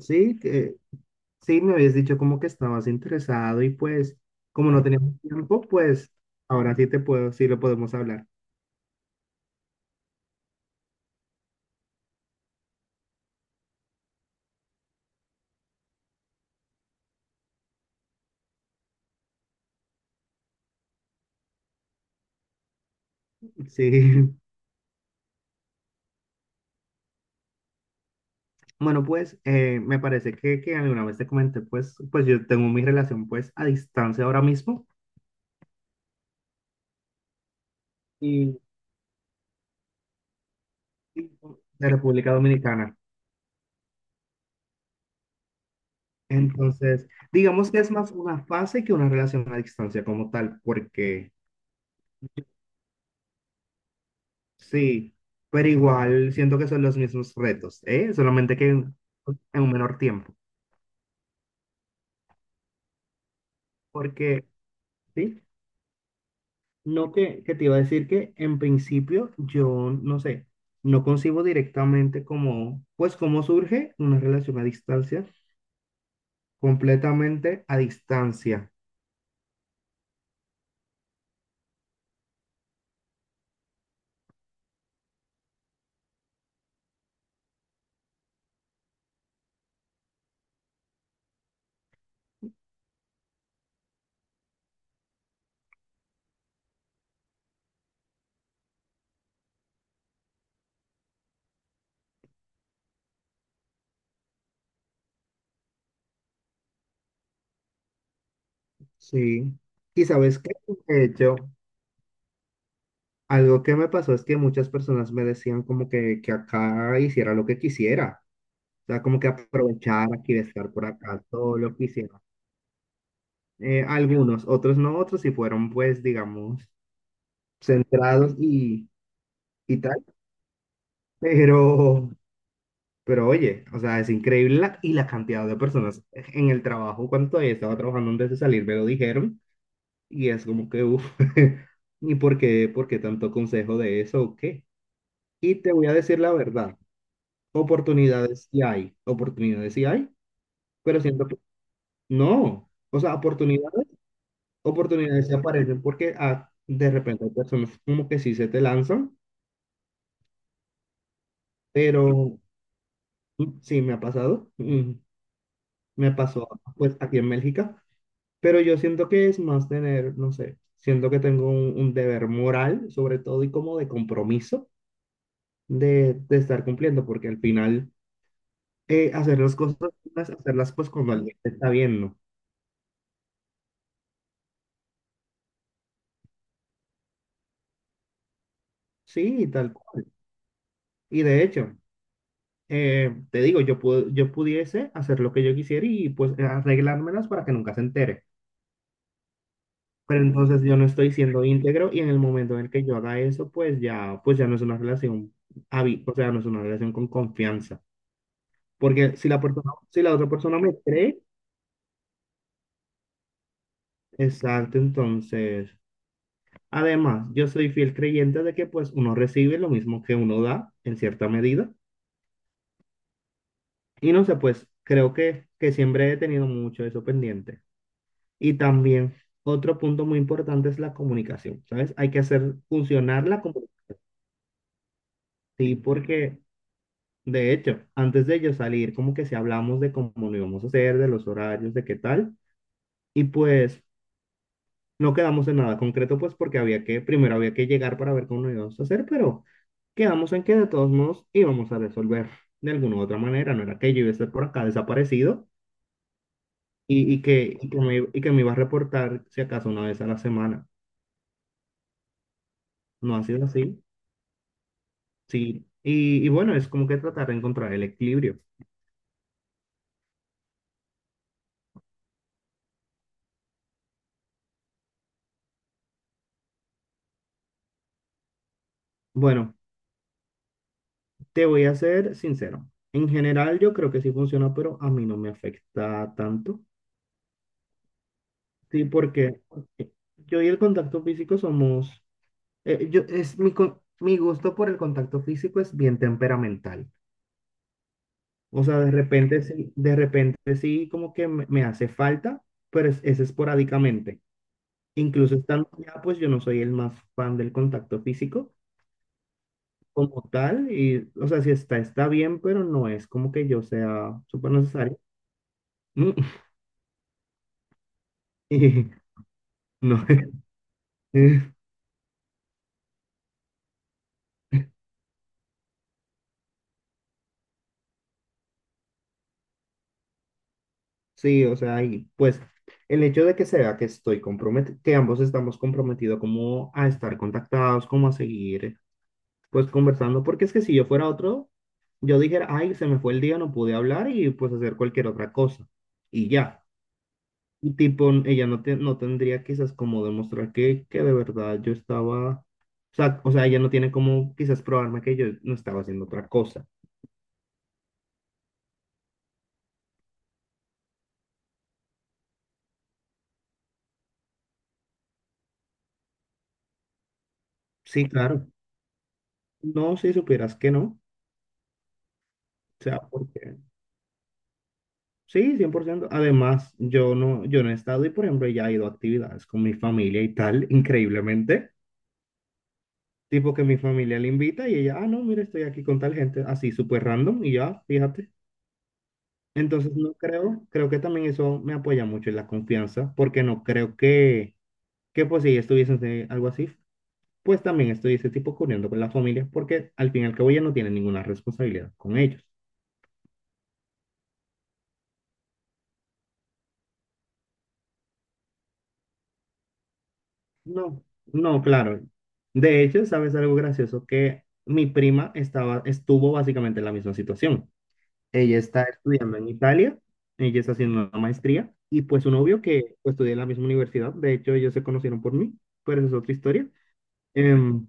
Sí, que, sí, me habías dicho como que estabas interesado y pues como no teníamos tiempo, pues ahora sí te puedo, sí lo podemos hablar. Sí, bueno, pues me parece que alguna vez te comenté, pues yo tengo mi relación pues a distancia ahora mismo y, y de República Dominicana. Entonces, digamos que es más una fase que una relación a distancia como tal, porque sí, pero igual siento que son los mismos retos, ¿eh? Solamente que en un menor tiempo. Porque, sí, no, que te iba a decir que en principio yo, no sé, no concibo directamente como, pues cómo surge una relación a distancia, completamente a distancia. Sí. Y sabes qué, de hecho, algo que me pasó es que muchas personas me decían como que acá hiciera lo que quisiera, o sea, como que aprovechar aquí de estar por acá, todo lo que hiciera. Algunos, otros no, otros sí fueron, pues, digamos, centrados y tal. Pero, pero oye, o sea, es increíble la cantidad de personas en el trabajo, cuando todavía estaba trabajando antes de salir, me lo dijeron y es como que, uff, ¿y por qué tanto consejo de eso o qué? Y te voy a decir la verdad, oportunidades sí hay, pero siento que no, o sea, oportunidades, oportunidades se aparecen porque ah, de repente hay personas como que sí se te lanzan, pero sí me ha pasado, me pasó pues aquí en Bélgica. Pero yo siento que es más tener, no sé, siento que tengo un deber moral, sobre todo, y como de compromiso de estar cumpliendo, porque al final hacer las cosas, hacerlas pues cuando alguien te está viendo. Sí, tal cual. Y de hecho, te digo, yo pudiese hacer lo que yo quisiera y pues arreglármelas para que nunca se entere. Pero entonces yo no estoy siendo íntegro y en el momento en el que yo haga eso, pues ya no es una relación, o sea, no es una relación con confianza. Porque si la otra persona me cree, exacto, entonces. Además, yo soy fiel creyente de que pues uno recibe lo mismo que uno da en cierta medida. Y no sé, pues creo que siempre he tenido mucho eso pendiente. Y también otro punto muy importante es la comunicación, ¿sabes? Hay que hacer funcionar la comunicación. Sí, porque de hecho, antes de yo salir, como que si hablamos de cómo lo íbamos a hacer, de los horarios, de qué tal. Y pues no quedamos en nada concreto, pues porque primero había que llegar para ver cómo lo íbamos a hacer, pero quedamos en que de todos modos íbamos a resolver de alguna u otra manera. No era que yo iba a estar por acá desaparecido y que me iba a reportar si acaso una vez a la semana. No ha sido así, sí. Y bueno, es como que tratar de encontrar el equilibrio. Bueno, te voy a ser sincero. En general yo creo que sí funciona, pero a mí no me afecta tanto. Sí, porque yo y el contacto físico somos. Es mi, mi gusto por el contacto físico es bien temperamental. O sea, de repente sí como que me hace falta, pero es esporádicamente. Incluso estando allá, pues yo no soy el más fan del contacto físico como tal. Y, o sea, si está, está bien, pero no es como que yo sea súper necesario. Y no. Sí, o sea, y pues el hecho de que se vea que estoy comprometido, que ambos estamos comprometidos como a estar contactados, como a seguir pues conversando, porque es que si yo fuera otro, yo dijera, ay, se me fue el día, no pude hablar y pues hacer cualquier otra cosa. Y ya. Y tipo, ella no, no tendría quizás como demostrar que de verdad yo estaba, o sea, ella no tiene como quizás probarme que yo no estaba haciendo otra cosa. Sí, claro. No, si supieras que no. O sea, porque sí, 100%. Además, yo no he estado y, por ejemplo, ella ha ido a actividades con mi familia y tal, increíblemente. Tipo que mi familia le invita y ella, ah, no, mira, estoy aquí con tal gente, así súper random y ya, fíjate. Entonces no creo, creo que también eso me apoya mucho en la confianza, porque no creo que pues si ella estuviese en algo así, pues también estuviese tipo corriendo con la familia, porque al fin y al cabo ella no tiene ninguna responsabilidad con ellos. No, no, claro. De hecho, ¿sabes algo gracioso? Que mi prima estaba, estuvo básicamente en la misma situación. Ella está estudiando en Italia, ella está haciendo una maestría y pues su novio que pues, estudia en la misma universidad, de hecho ellos se conocieron por mí, pero esa es otra historia. Em,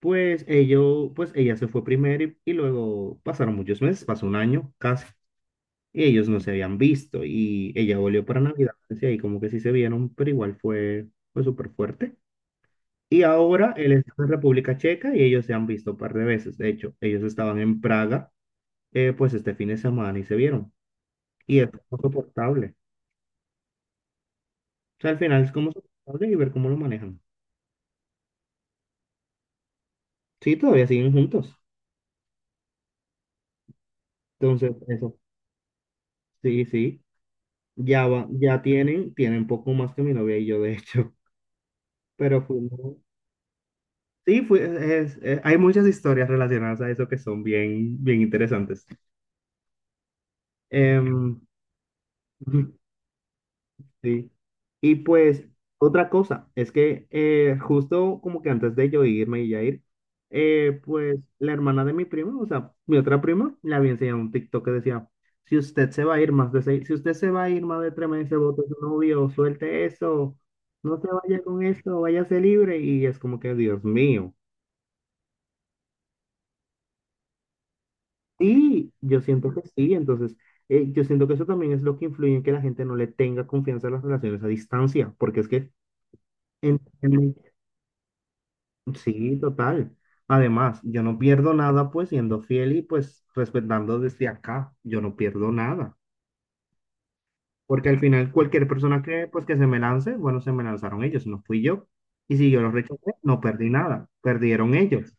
pues, pues ella se fue primero y luego pasaron muchos meses, pasó un año casi, y ellos no se habían visto y ella volvió para Navidad, y ahí como que sí se vieron, pero igual fue súper fuerte. Y ahora él está en República Checa y ellos se han visto un par de veces, de hecho ellos estaban en Praga pues este fin de semana y se vieron. Y es como soportable. O sea, al final es como soportable y ver cómo lo manejan. Sí, todavía siguen juntos. Entonces, eso, sí, sí. Ya va, ya tienen poco más que mi novia y yo, de hecho. Pero fuimos- sí, hay muchas historias relacionadas a eso que son bien, bien interesantes. Em, Sí. Y pues otra cosa es que justo como que antes de yo irme y ya ir, pues la hermana de mi primo, o sea, mi otra prima, le había enseñado un TikTok que decía, si usted se va a ir más de seis, si usted se va a ir más de 3 meses, vote su novio, suelte eso, no se vaya con eso, váyase libre. Y es como que, Dios mío. Sí, yo siento que sí, entonces yo siento que eso también es lo que influye en que la gente no le tenga confianza a las relaciones a distancia, porque es que... En- Sí, total. Además, yo no pierdo nada pues siendo fiel y pues respetando desde acá, yo no pierdo nada. Porque al final cualquier persona que pues que se me lance, bueno, se me lanzaron ellos, no fui yo. Y si yo los rechacé, no perdí nada, perdieron ellos.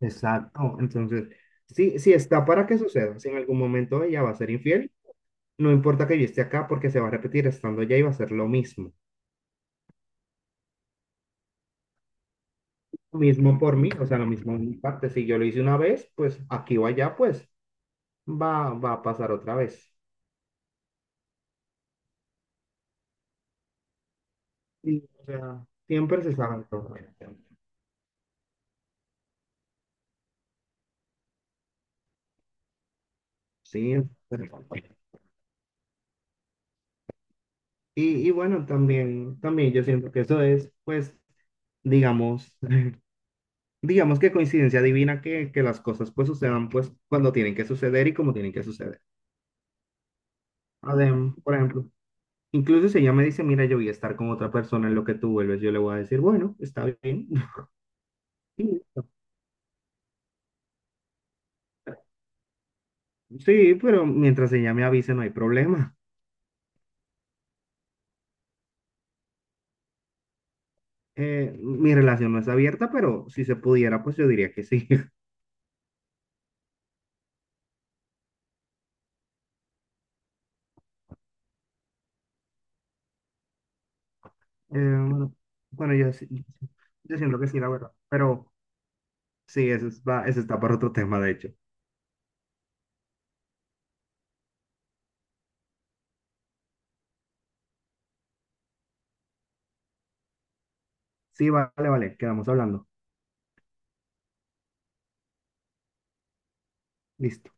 Exacto. Entonces, sí, sí está para que suceda. Si en algún momento ella va a ser infiel, no importa que yo esté acá porque se va a repetir estando allá y va a ser lo mismo. Lo mismo por mí, o sea, lo mismo en mi parte. Si yo lo hice una vez, pues aquí o allá, pues va a pasar otra vez. Y, o sea, siempre se sabe todo. Sí, pero. Y bueno, también yo siento que eso es, pues, digamos, digamos que coincidencia divina que las cosas pues sucedan pues cuando tienen que suceder y como tienen que suceder. Por ejemplo, incluso si ella me dice, mira, yo voy a estar con otra persona en lo que tú vuelves, yo le voy a decir, bueno, está bien. Y listo. Sí, pero mientras ella me avise no hay problema. Mi relación no es abierta, pero si se pudiera, pues yo diría que sí. Eh, bueno, bueno, yo siento que sí, la verdad. Pero sí, eso, eso está para otro tema, de hecho. Sí, vale, vale, quedamos hablando. Listo.